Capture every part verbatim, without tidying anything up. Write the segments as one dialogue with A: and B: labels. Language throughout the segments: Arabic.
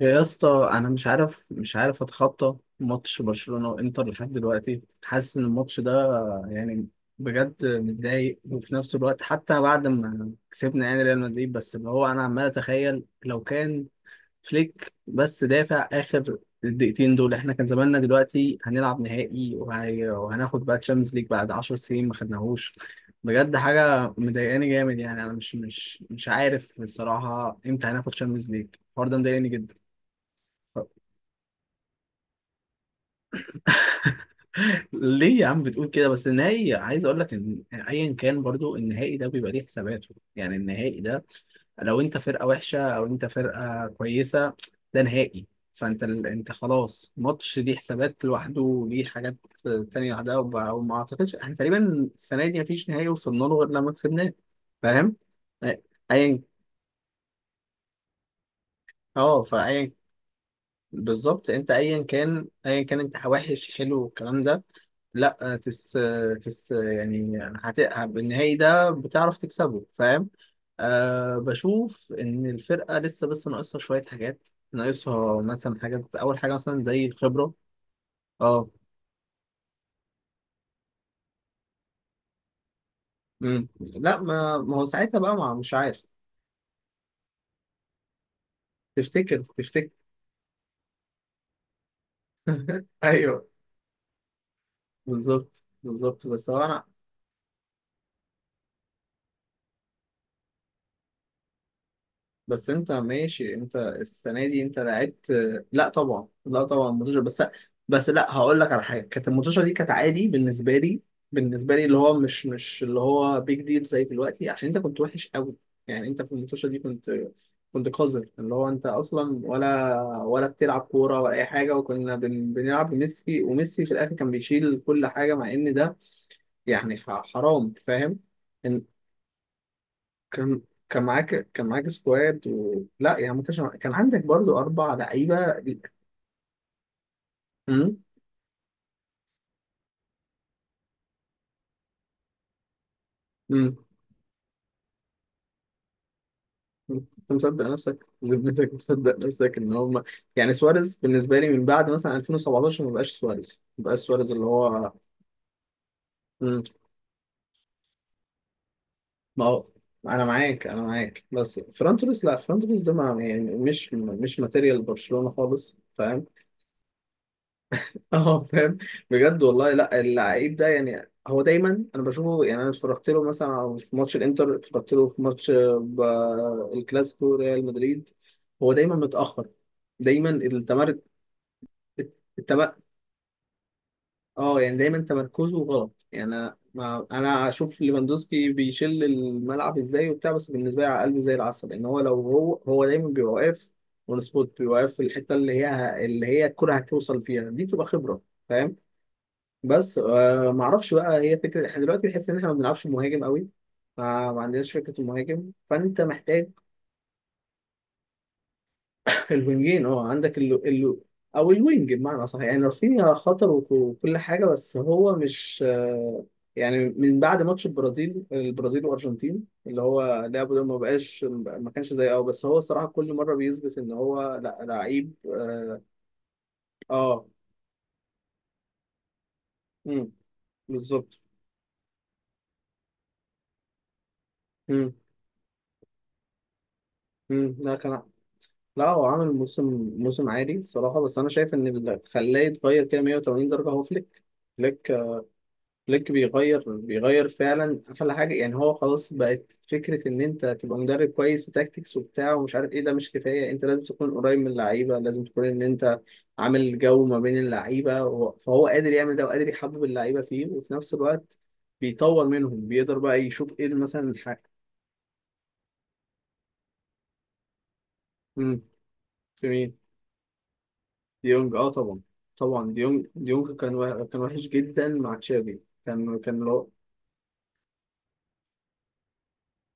A: يا اسطى، انا مش عارف مش عارف اتخطى ماتش برشلونة وانتر لحد دلوقتي. حاسس ان الماتش ده يعني بجد متضايق، وفي نفس الوقت حتى بعد ما كسبنا يعني ريال مدريد، بس اللي هو انا عمال اتخيل لو كان فليك بس دافع اخر الدقيقتين دول، احنا كان زماننا دلوقتي هنلعب نهائي وهي- وهناخد بقى تشامبيونز ليج بعد عشرة سنين ما خدناهوش. بجد حاجة مضايقاني جامد، يعني انا مش مش مش عارف الصراحة امتى هناخد تشامبيونز ليج. الحوار ده مضايقني جدا. ليه يا عم بتقول كده؟ بس النهائي عايز اقول لك ان ايا كان برضو النهائي ده بيبقى ليه حساباته، يعني النهائي ده لو انت فرقه وحشه او انت فرقه كويسه، ده نهائي. فانت ال... انت خلاص ماتش ليه حسابات لوحده وليه حاجات تانية لوحدها، وب- وما اعتقدش احنا تقريبا السنه دي مفيش نهائي وصلنا له غير لما كسبناه. فاهم؟ أي- ايا. اه فايا. بالظبط، انت ايا كان ايا كان انت وحش حلو الكلام ده. لا تس، تس يعني هت... بالنهائي ده بتعرف تكسبه، فاهم؟ أه، بشوف ان الفرقه لسه بس ناقصها شويه حاجات، ناقصها مثلا حاجات، اول حاجه مثلا زي الخبره. اه. امم لا، ما ما هو ساعتها بقى ما مش عارف. تفتكر؟ تفتكر؟ ايوه، بالظبط بالظبط، بس هو انا. بس انت ماشي، انت السنه دي انت لعبت. لا طبعا لا طبعا الماتشة بس. بس لا، هقول لك على حاجه، كانت الماتشة دي كانت عادي بالنسبه لي، بالنسبه لي اللي هو مش مش اللي هو بيج ديل زي دلوقتي، عشان انت كنت وحش قوي. يعني انت في الماتشة دي كنت كنت قذر، اللي هو انت اصلا ولا ولا بتلعب كوره ولا اي حاجه، وكنا بن... بنلعب بميسي، وميسي في الاخر كان بيشيل كل حاجه، مع ان ده يعني ح- حرام، فاهم؟ كان كان معاك، كان معاك سكواد و... لا يعني ما كانش معاك- كان عندك برضو اربع لعيبه. امم امم انت مصدق نفسك؟ ذمتك مصدق نفسك ان هم يعني سواريز؟ بالنسبه لي من بعد مثلا ألفين وسبعتاشر ما بقاش سواريز، ما بقاش سواريز اللي هو. امم ما هو انا معاك، انا معاك. بس فران توريس، لا فران توريس ده ما يعني مش مش ماتيريال برشلونه خالص، فاهم؟ اه فاهم. بجد والله، لا اللعيب ده يعني هو دايما، انا بشوفه يعني، انا اتفرجت له مثلا في ماتش الانتر، اتفرجت له في ماتش آه، ب- الكلاسيكو ريال مدريد، هو دايما متاخر، دايما التمر. التم... اه يعني دايما تمركزه غلط، يعني انا ما... انا اشوف ليفاندوسكي بيشل الملعب ازاي وبتاع، بس بالنسبه لي على قلبه زي العسل، لان هو لو هو هو دايما بيبقى واقف اون سبوت، بيبقى واقف في الحته اللي هي اللي هي الكره هتوصل فيها دي، تبقى خبره، فاهم؟ بس آه ما اعرفش بقى، هي فكره احنا دلوقتي بنحس ان احنا ما بنلعبش مهاجم قوي، ما ما عندناش فكره المهاجم، فانت محتاج الوينجين. اه عندك ال... ال... او الوينج بمعنى صح. يعني رافينيا خطر، وك- وكل حاجه بس هو مش آه. يعني من بعد ماتش البرازيل البرازيل والارجنتين، اللي هو لعبه ده ما بقاش ما كانش زي اه، بس هو الصراحه كل مره بيثبت ان هو لا لعيب اه. آه. مم، بالظبط. امم امم لا، كان. لا هو عامل موسم موسم عادي الصراحة، بس أنا شايف إن اللي خلاه يتغير كده مية وتمانين درجة هو فليك. فليك. فليك بيغير، بيغير فعلا. أحلى حاجة، يعني هو خلاص بقت فكرة إن أنت تبقى مدرب كويس وتاكتكس وبتاع ومش عارف إيه، ده مش كفاية. أنت لازم تكون قريب من اللعيبة، لازم تكون إن أنت عامل جو ما بين اللعيبة وهو- فهو قادر يعمل ده وقادر يحبب اللعيبة فيه، وفي نفس الوقت بيطور منهم، بيقدر بقى يشوف إيه مثلا الحاجة. في مين؟ ديونج. اه طبعا. طبعا ديونج، ديونج كان وح- كان وحش جدا مع تشافي. كان كان لو-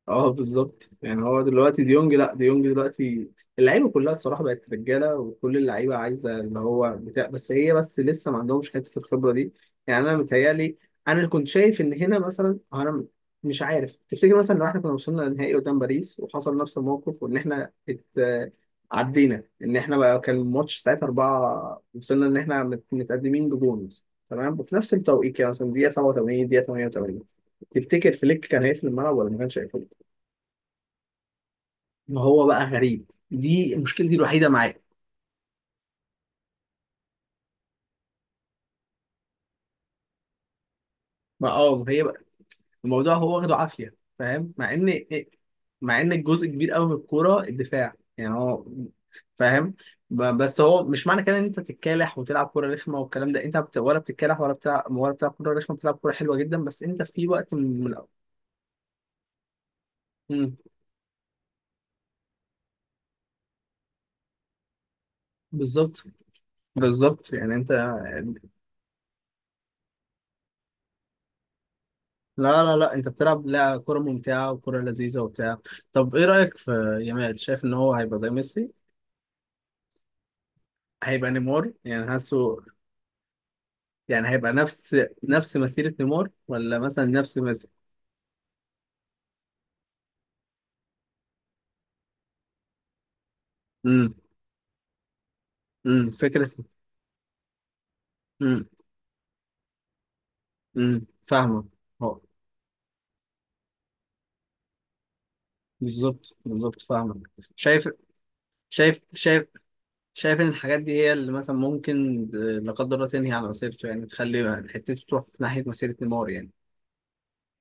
A: اه بالظبط. يعني هو دلوقتي ديونج، لا ديونج دلوقتي اللعيبه كلها الصراحه بقت رجاله، وكل اللعيبه عايزه اللي هو بتاع، بس هي بس لسه ما عندهمش حته الخبره دي. يعني انا متهيألي، انا اللي كنت شايف ان هنا مثلا انا مش عارف، تفتكر مثلا لو احنا كنا وصلنا للنهائي قدام باريس وحصل نفس الموقف، وان احنا ات... عدينا ان احنا بقى كان الماتش ساعتها أربعة، وصلنا ان احنا مت- متقدمين بجون مثلا، تمام، وفي نفس التوقيت يعني مثلا دقيقه سبعة وتمانين دقيقه تمانية وتمانين، تفتكر فليك كان هيقفل الملعب ولا ما كانش هيقفل؟ ما هو بقى غريب، دي مشكلتي الوحيده معاه. ما اه ما هي بقى الموضوع، هو واخده عافيه، فاهم؟ مع ان إيه، مع ان الجزء كبير قوي من الكوره الدفاع، يعني هو فاهم. ب- بس هو مش معنى كده ان انت تتكالح وتلعب كوره رخمه والكلام ده. انت بت... ولا بتتكالح ولا بتلعب، ولا بتلعب كوره رخمه، بتلعب كوره حلوه جدا، بس انت في وقت من من- مم. بالظبط بالظبط، يعني انت لا لا لا انت بتلعب لا كوره ممتعه وكوره لذيذه وبتاع. طب ايه رايك في يامال؟ شايف ان هو هيبقى زي ميسي؟ هيبقى نيمار يعني، حاسه. يعني هيبقى نفس نفس مسيرة نيمار ولا مثلا نفس مسيرة. امم امم فكرة. امم امم فاهمك. اه بالظبط بالظبط فاهمك. شايف، شايف. شايف، شايف ان الحاجات دي هي اللي مثلا ممكن آه، لا قدر الله تنهي على مسيرته، يعني تخلي حتته تروح في ناحية مسيرة نيمار يعني،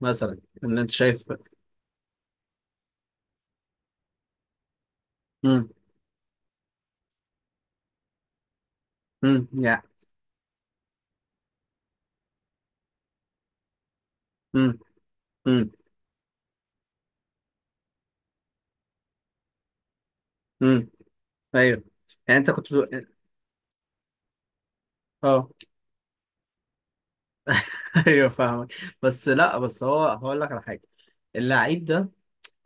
A: مثلا. ان انت شايف. امم امم يعني. امم امم امم ايوه، يعني انت كنت بتقول. اه. ايوه فاهمك. بس لا، بس هو هقول لك على حاجة، اللعيب ده،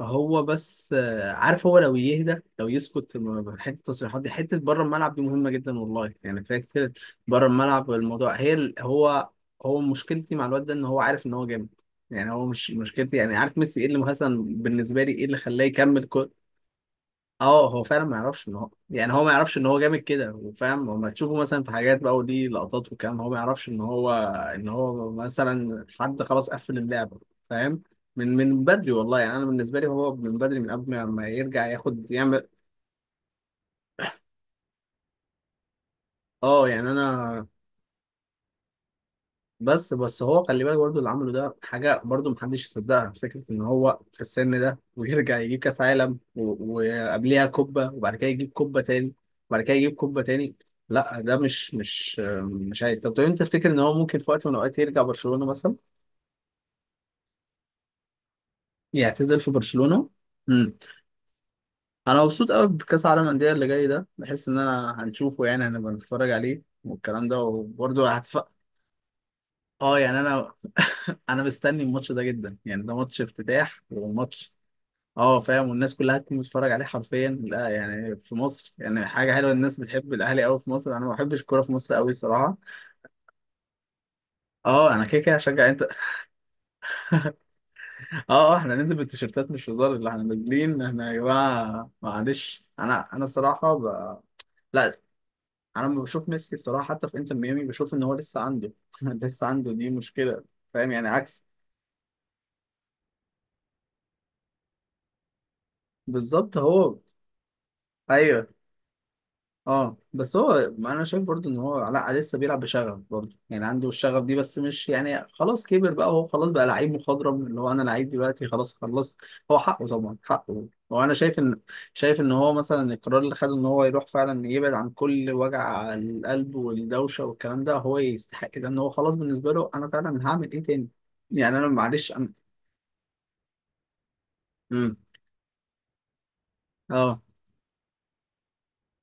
A: هو بس آه، عارف، هو لو يهدى، لو يسكت، م- حته التصريحات دي حته بره الملعب دي مهمه جدا والله، يعني فيها كتير. بره الملعب الموضوع، هي ال- هو هو مشكلتي مع الواد ده ان هو عارف ان هو جامد. يعني هو مش مشكلتي يعني، عارف ميسي ايه اللي مثلا بالنسبه لي، ايه اللي خلاه يكمل. اه هو فعلا ما يعرفش ان هو، يعني هو ما يعرفش ان هو جامد كده وفاهم، لما تشوفه مثلا في حاجات بقى ودي لقطات وكام هو ما يعرفش ان هو، ان هو مثلا حد خلاص قفل اللعبه، فاهم؟ من من بدري والله، يعني انا بالنسبه لي هو من بدري، من قبل ما ما يرجع ياخد يعمل. اه يعني انا. بس بس هو خلي بالك برضه، اللي عمله ده حاجة برضه محدش يصدقها، فكرة إن هو في السن ده ويرجع يجيب كأس عالم، و- وقبليها كوبا، وبعد كده يجيب كوبا تاني، وبعد كده يجيب كوبا تاني. لا ده مش مش مش عادي. طب طب أنت تفتكر إن هو ممكن في وقت من الأوقات يرجع برشلونة مثلا؟ يعتزل في برشلونة؟ امم أنا مبسوط قوي بكأس العالم الأندية اللي جاي ده، بحس إن أنا هنشوفه، يعني هنبقى نتفرج عليه والكلام ده، وبرضه هتف... اه يعني انا. انا مستني الماتش ده جدا، يعني ده ماتش افتتاح وماتش. اه فاهم، والناس كلها هتكون بتتفرج عليه حرفيا. لا يعني في مصر يعني حاجه حلوه، الناس بتحب الاهلي قوي في مصر، انا ما بحبش الكوره في مصر قوي الصراحه. اه انا كده كده هشجع انت، اه. اه احنا ننزل بالتيشيرتات مش هزار اللي احنا نازلين، احنا يا جماعه معلش انا، انا الصراحه ب... لا، انا لما بشوف ميسي الصراحه حتى في انتر ميامي، بشوف ان هو لسه عنده لسه عنده دي مشكله، فاهم؟ يعني عكس. بالظبط هو. ايوه. اه بس هو انا شايف برضو ان هو علاء لسه بيلعب بشغف برضو، يعني عنده الشغف دي، بس مش يعني خلاص كبر بقى، هو خلاص بقى لعيب مخضرم، اللي هو انا لعيب دلوقتي خلاص خلصت. هو حقه طبعا حقه، هو انا شايف ان، شايف ان هو مثلا القرار اللي خده ان هو يروح فعلا يبعد عن كل وجع القلب والدوشه والكلام ده، هو يستحق ده، ان هو خلاص بالنسبه له انا فعلا هعمل ايه تاني، يعني انا معلش انا. امم اه.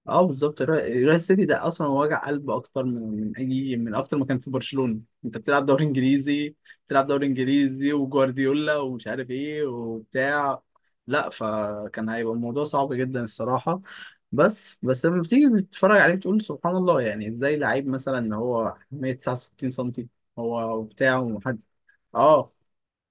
A: اه بالظبط، الر- الريال سيتي ده اصلا وجع قلب اكتر من من اي، من اكتر ما كان في برشلونة، انت بتلعب دوري انجليزي، بتلعب دوري انجليزي وجوارديولا ومش عارف ايه وبتاع. لا فكان هيبقى الموضوع صعب جدا الصراحة. بس بس لما بتيجي بتتفرج عليه بتقول سبحان الله، يعني ازاي لعيب مثلا هو مية وتسعة وستين سم هو وبتاع ومحد. اه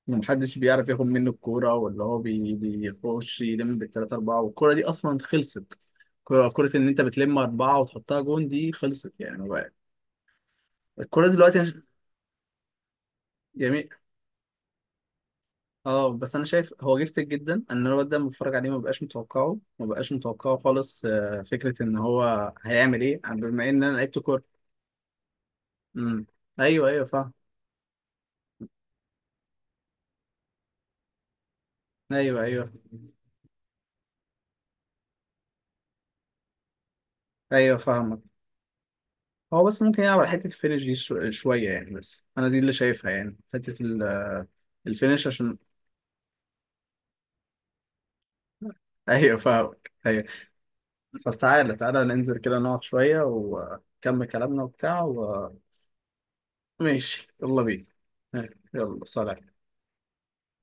A: ومحدش بيعرف ياخد منه الكورة، ولا هو بي- بيخش يلم بالتلاتة أربعة والكورة دي أصلا خلصت. كرة كرة إن أنت بتلم أربعة وتحطها جون دي خلصت يعني بقى. الكورة دلوقتي أنا ش- جميل. اه بس أنا شايف هو جفتك جدا، أن الواد ده لما بتفرج عليه ما بقاش متوقعه، ما بقاش متوقعه خالص آه، فكرة إن هو هيعمل إيه بما إن أنا لعبت كورة. أمم. أيوه أيوه فاهم. أيوه أيوه أيوه فاهمك. هو بس ممكن يلعب على حتة الفينش دي شو- شوية، يعني بس أنا دي اللي شايفها، يعني حتة ال- الفينش عشان. أيوة فاهمك أيوة. طب تعالى تعالى ننزل كده نقعد شوية ونكمل كلامنا وبتاع و... ماشي يلا بينا. يلا سلام.